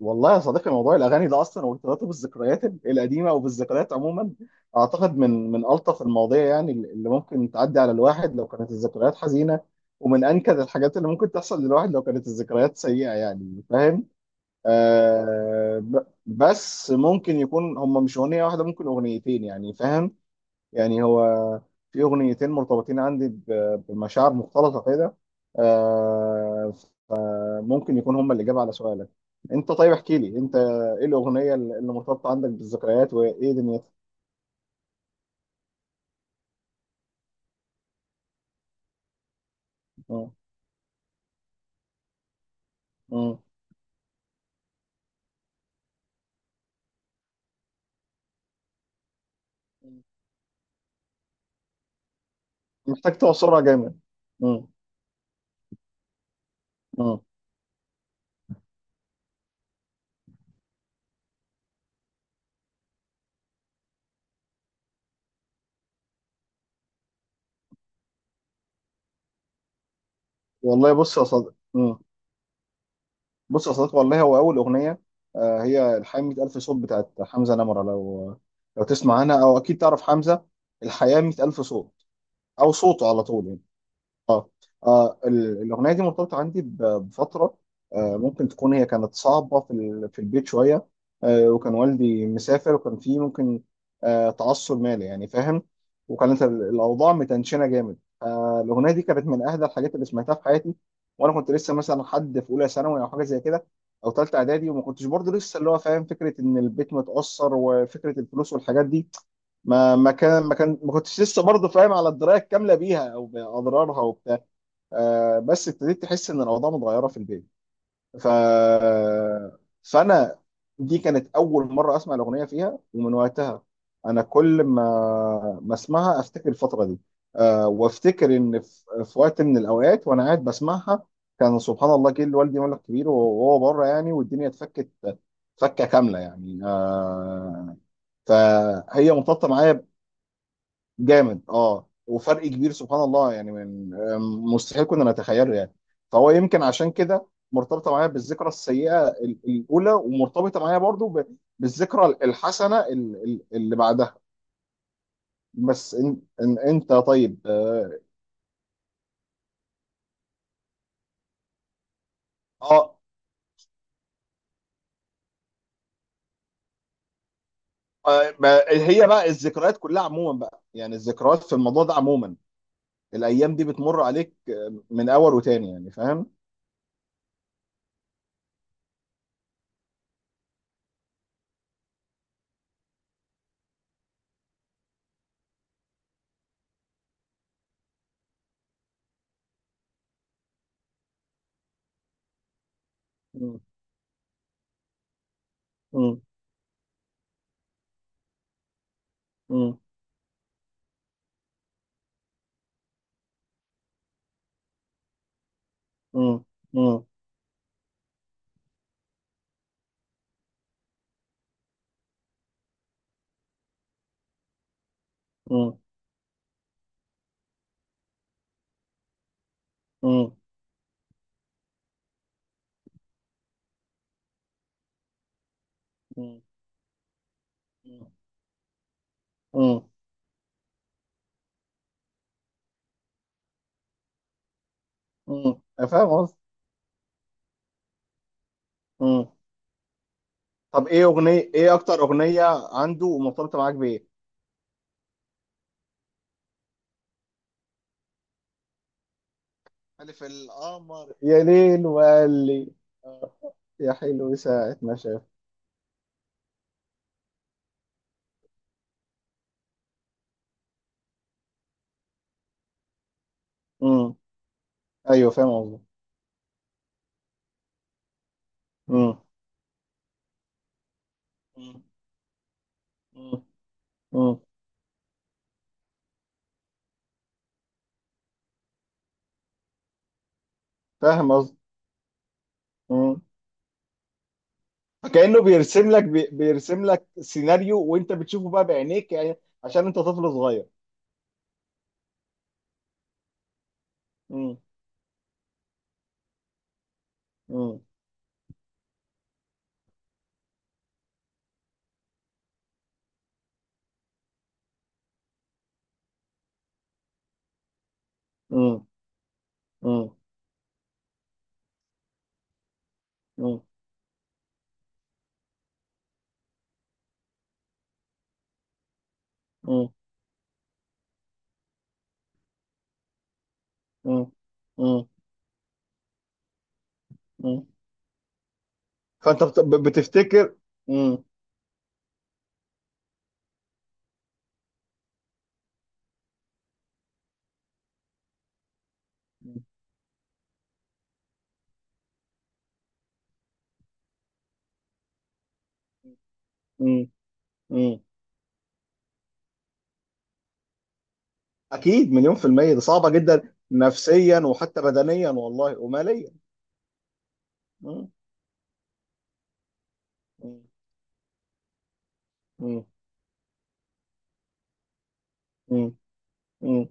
والله يا صديقي، موضوع الاغاني ده اصلا وارتباطه بالذكريات القديمه وبالذكريات عموما اعتقد من الطف المواضيع، يعني اللي ممكن تعدي على الواحد لو كانت الذكريات حزينه، ومن انكد الحاجات اللي ممكن تحصل للواحد لو كانت الذكريات سيئه، يعني فاهم. بس ممكن يكون هم مش اغنيه واحده، ممكن اغنيتين، يعني فاهم. يعني هو في اغنيتين مرتبطين عندي بمشاعر مختلطه كده. آه، ممكن يكون هم الإجابة على سؤالك. انت طيب، احكي لي انت ايه الأغنية اللي مرتبطة عندك بالذكريات وايه دنيتها؟ اه، اه. محتاج تعصرها جامد. اه، اه. والله بص يا صديق، اه. بص يا صديق، والله هو أول أغنية، هي الحياة 100,000 ألف صوت بتاعت حمزة نمرة. لو تسمع عنها، أو أكيد تعرف حمزة. الحياة 100,000 ألف صوت، أو صوته على طول يعني. اه. الاغنيه دي مرتبطه عندي بفتره، ممكن تكون هي كانت صعبه في البيت شويه. وكان والدي مسافر وكان فيه ممكن تعثر مالي، يعني فاهم. وكانت الاوضاع متنشنه جامد. الاغنيه دي كانت من اهدى الحاجات اللي سمعتها في حياتي، وانا كنت لسه مثلا حد في اولى ثانوي او حاجه زي كده، او ثالثه اعدادي، وما كنتش برضه لسه اللي هو فاهم فكره ان البيت متاثر وفكره الفلوس والحاجات دي. ما كنتش لسه برضه فاهم على الدرايه الكامله بيها او باضرارها وبتاع. بس ابتديت تحس ان الاوضاع متغيره في البيت. ف فانا دي كانت اول مره اسمع الاغنيه فيها، ومن وقتها انا كل ما اسمعها افتكر الفتره دي. وافتكر ان في وقت من الاوقات وانا قاعد بسمعها، كان سبحان الله جه لوالدي مبلغ كبير وهو بره يعني والدنيا اتفكت، فكه كامله يعني. فهي مرتبطه معايا. جامد اه، وفرق كبير سبحان الله يعني، من آم، مستحيل كنا نتخيله يعني. فهو يمكن عشان كده مرتبطه معايا بالذكرى السيئه الاولى، ومرتبطه معايا برضو بالذكرى الحسنه اللي بعدها. بس إن انت طيب اه. آه، هي بقى الذكريات كلها عموما بقى، يعني الذكريات في الموضوع ده عموما الايام دي بتمر عليك من اول وتاني، يعني فاهم؟ مم. مم. مم. مم. مم. مم. مم. مم. امم، انا فاهم قصدي. امم. طب ايه اغنيه، ايه اكتر اغنيه عنده ومرتبطه معاك بايه؟ ألف القمر يا ليل وقال لي، آه، يا حلو ساعة ما شاف. امم. ايوه فاهم قصدي. امم. امم. امم. أمم. فاهم قصدي. امم. فكأنه بيرسم لك، بيرسم لك سيناريو، وانت بتشوفه بقى بعينيك يعني. عشان انت طفل صغير. امم. امم. امم. امم. امم. امم. امم. أمم. فانت بتفتكر. امم. مم. مم. اكيد، مليون في المية، ده صعبة جدا نفسيا وحتى بدنيا والله وماليا. مم. مم. مم. مم. مم.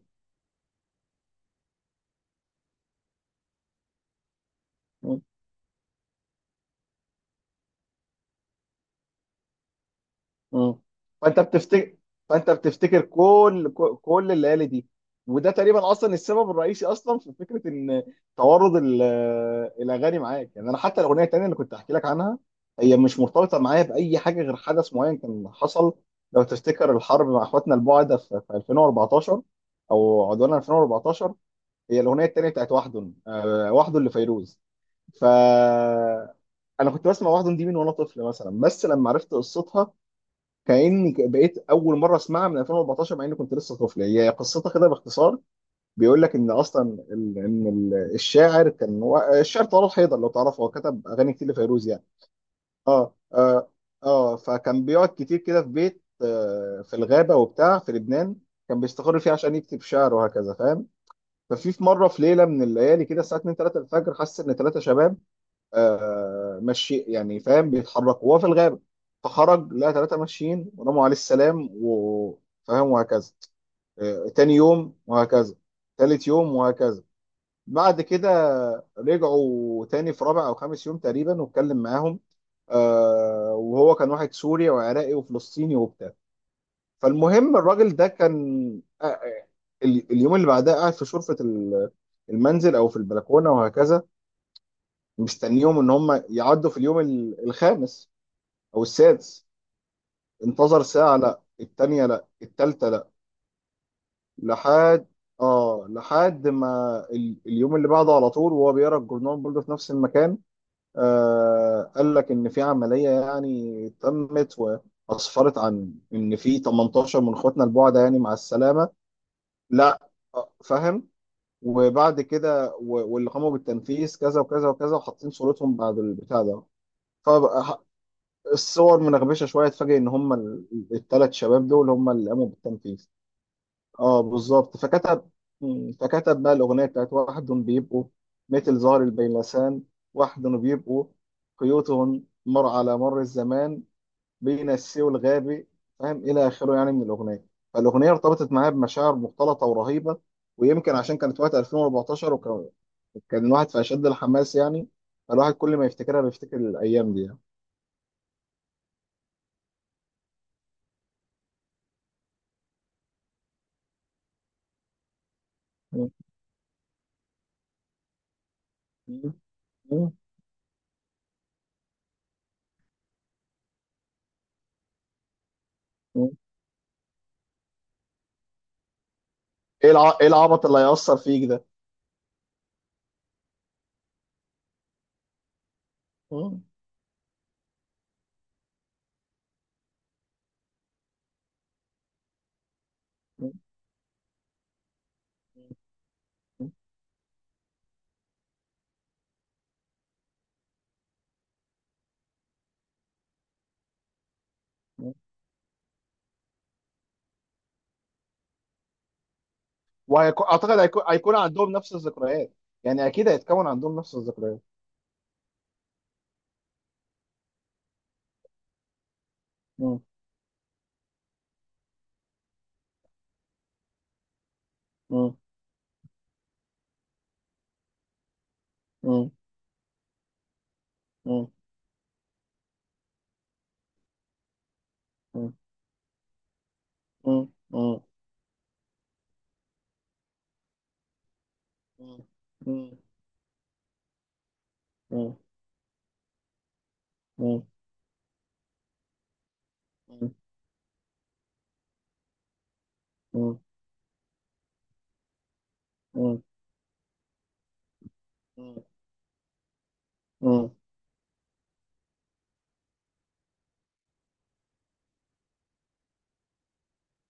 مم. مم. فانت بتفتكر، فانت بتفتكر كل الليالي دي، وده تقريبا اصلا السبب الرئيسي اصلا في فكرة ان توارد الاغاني معاك يعني. انا حتى الاغنية التانية اللي كنت احكي لك عنها، هي مش مرتبطة معايا بأي حاجة غير حدث معين كان حصل، لو تفتكر الحرب مع اخواتنا البعدة في 2014 او عدوان 2014. هي الاغنيه التانيه بتاعت وحدن، وحدن لفيروز. ف انا كنت بسمع وحدن دي من وانا طفل مثلا، بس لما عرفت قصتها، بقيت اول مره اسمعها من 2014 مع اني كنت لسه طفل. هي قصتها كده باختصار، بيقول لك ان اصلا الشاعر كان هو الشاعر طلال حيدر، لو تعرفه هو كتب اغاني كتير لفيروز يعني. اه اه اه. فكان بيقعد كتير كده في بيت في الغابه وبتاع في لبنان، كان بيستقر فيه عشان يكتب شعر وهكذا فاهم. ففي مره، في ليله من الليالي كده الساعه 2 3 الفجر، حس ان 3 شباب ماشي يعني فاهم بيتحركوا وهو في الغابه. فخرج لقى 3 ماشيين، رموا عليه السلام وفاهم وهكذا. تاني يوم وهكذا، ثالث يوم وهكذا. بعد كده رجعوا تاني في رابع او خامس يوم تقريبا واتكلم معاهم. وهو كان واحد سوري وعراقي وفلسطيني وبتاع. فالمهم الراجل ده كان، آه، آه، اليوم اللي بعدها قاعد في شرفة المنزل او في البلكونة وهكذا، مستنيهم ان هم يعدوا في اليوم الخامس او السادس. انتظر ساعة لا، التانية لا، التالتة لا، لحد، اه، لحد ما اليوم اللي بعده على طول وهو بيقرا الجورنال برضه في نفس المكان. قال لك ان في عملية يعني تمت، واسفرت عن ان في 18 من اخواتنا البعدة يعني مع السلامة. لا، فاهم. وبعد كده، واللي قاموا بالتنفيذ كذا وكذا وكذا، وحاطين صورتهم بعد البتاع ده. فبقى الصور منغبشه شويه، اتفاجئ ان هم الثلاث شباب دول هم اللي قاموا بالتنفيذ. اه بالظبط. فكتب، فكتب بقى الاغنيه بتاعت: واحد بيبقوا مثل زهر البيلسان، واحد بيبقوا قيوتهم مر على مر الزمان، بين السوي والغابي فاهم، الى اخره يعني من الاغنيه. فالاغنيه ارتبطت معايا بمشاعر مختلطه ورهيبه، ويمكن عشان كانت وقت 2014، وكان الواحد في اشد الحماس يعني، فالواحد كل ما يفتكرها بيفتكر الايام دي يعني. مم. مم. مم. مم. ايه الع... ايه العبط اللي هيأثر فيك ده؟ مم. مم. مم. مم. وهيكون، اعتقد، هيكون عندهم نفس الذكريات، يعني اكيد هيتكون عندهم نفس الذكريات. مم. مم. مم. مم. مم. مم. مم. مم. مم. مم. مم. مم. مم. مم. مم.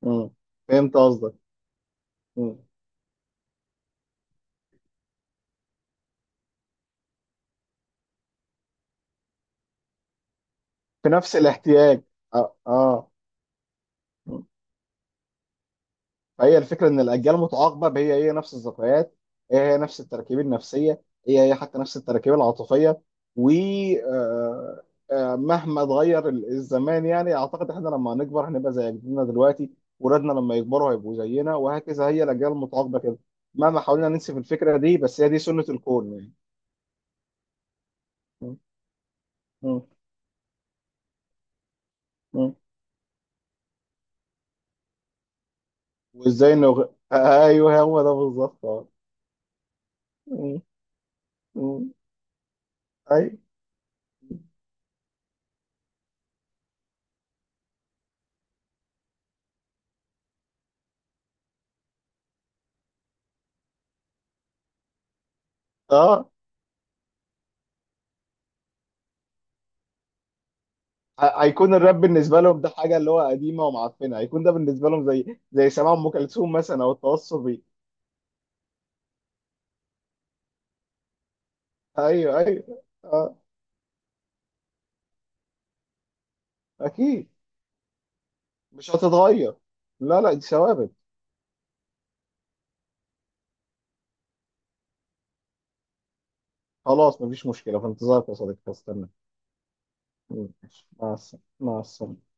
مم. فهمت قصدك. مم. في نفس الاحتياج. اه اه. مم. فهي الفكره ان الاجيال متعاقبه هي هي نفس الذكريات، هي هي نفس التراكيب النفسيه، هي هي حتى نفس التراكيب العاطفيه، و، آه، مهما اتغير الزمان، يعني اعتقد احنا لما هنكبر هنبقى زي جدنا دلوقتي، ولادنا لما يكبروا هيبقوا زينا وهكذا، هي الاجيال المتعاقبه كده مهما حاولنا ننسف الفكره دي، بس هي دي سنه الكون يعني. مم. مم. وازاي انه ايوه هو ده بالظبط اه. مم. مم. اي اه. هيكون الراب بالنسبه لهم ده حاجه اللي هو قديمه ومعفنه، هيكون ده بالنسبه لهم زي زي سماع ام كلثوم مثلا او التوصلي. ايوه ايوه اه. اكيد. مش هتتغير. لا لا، دي ثوابت. خلاص مفيش مشكله، في انتظارك يا صديقي هستنى. مم. مع السلامه، مع السلامه.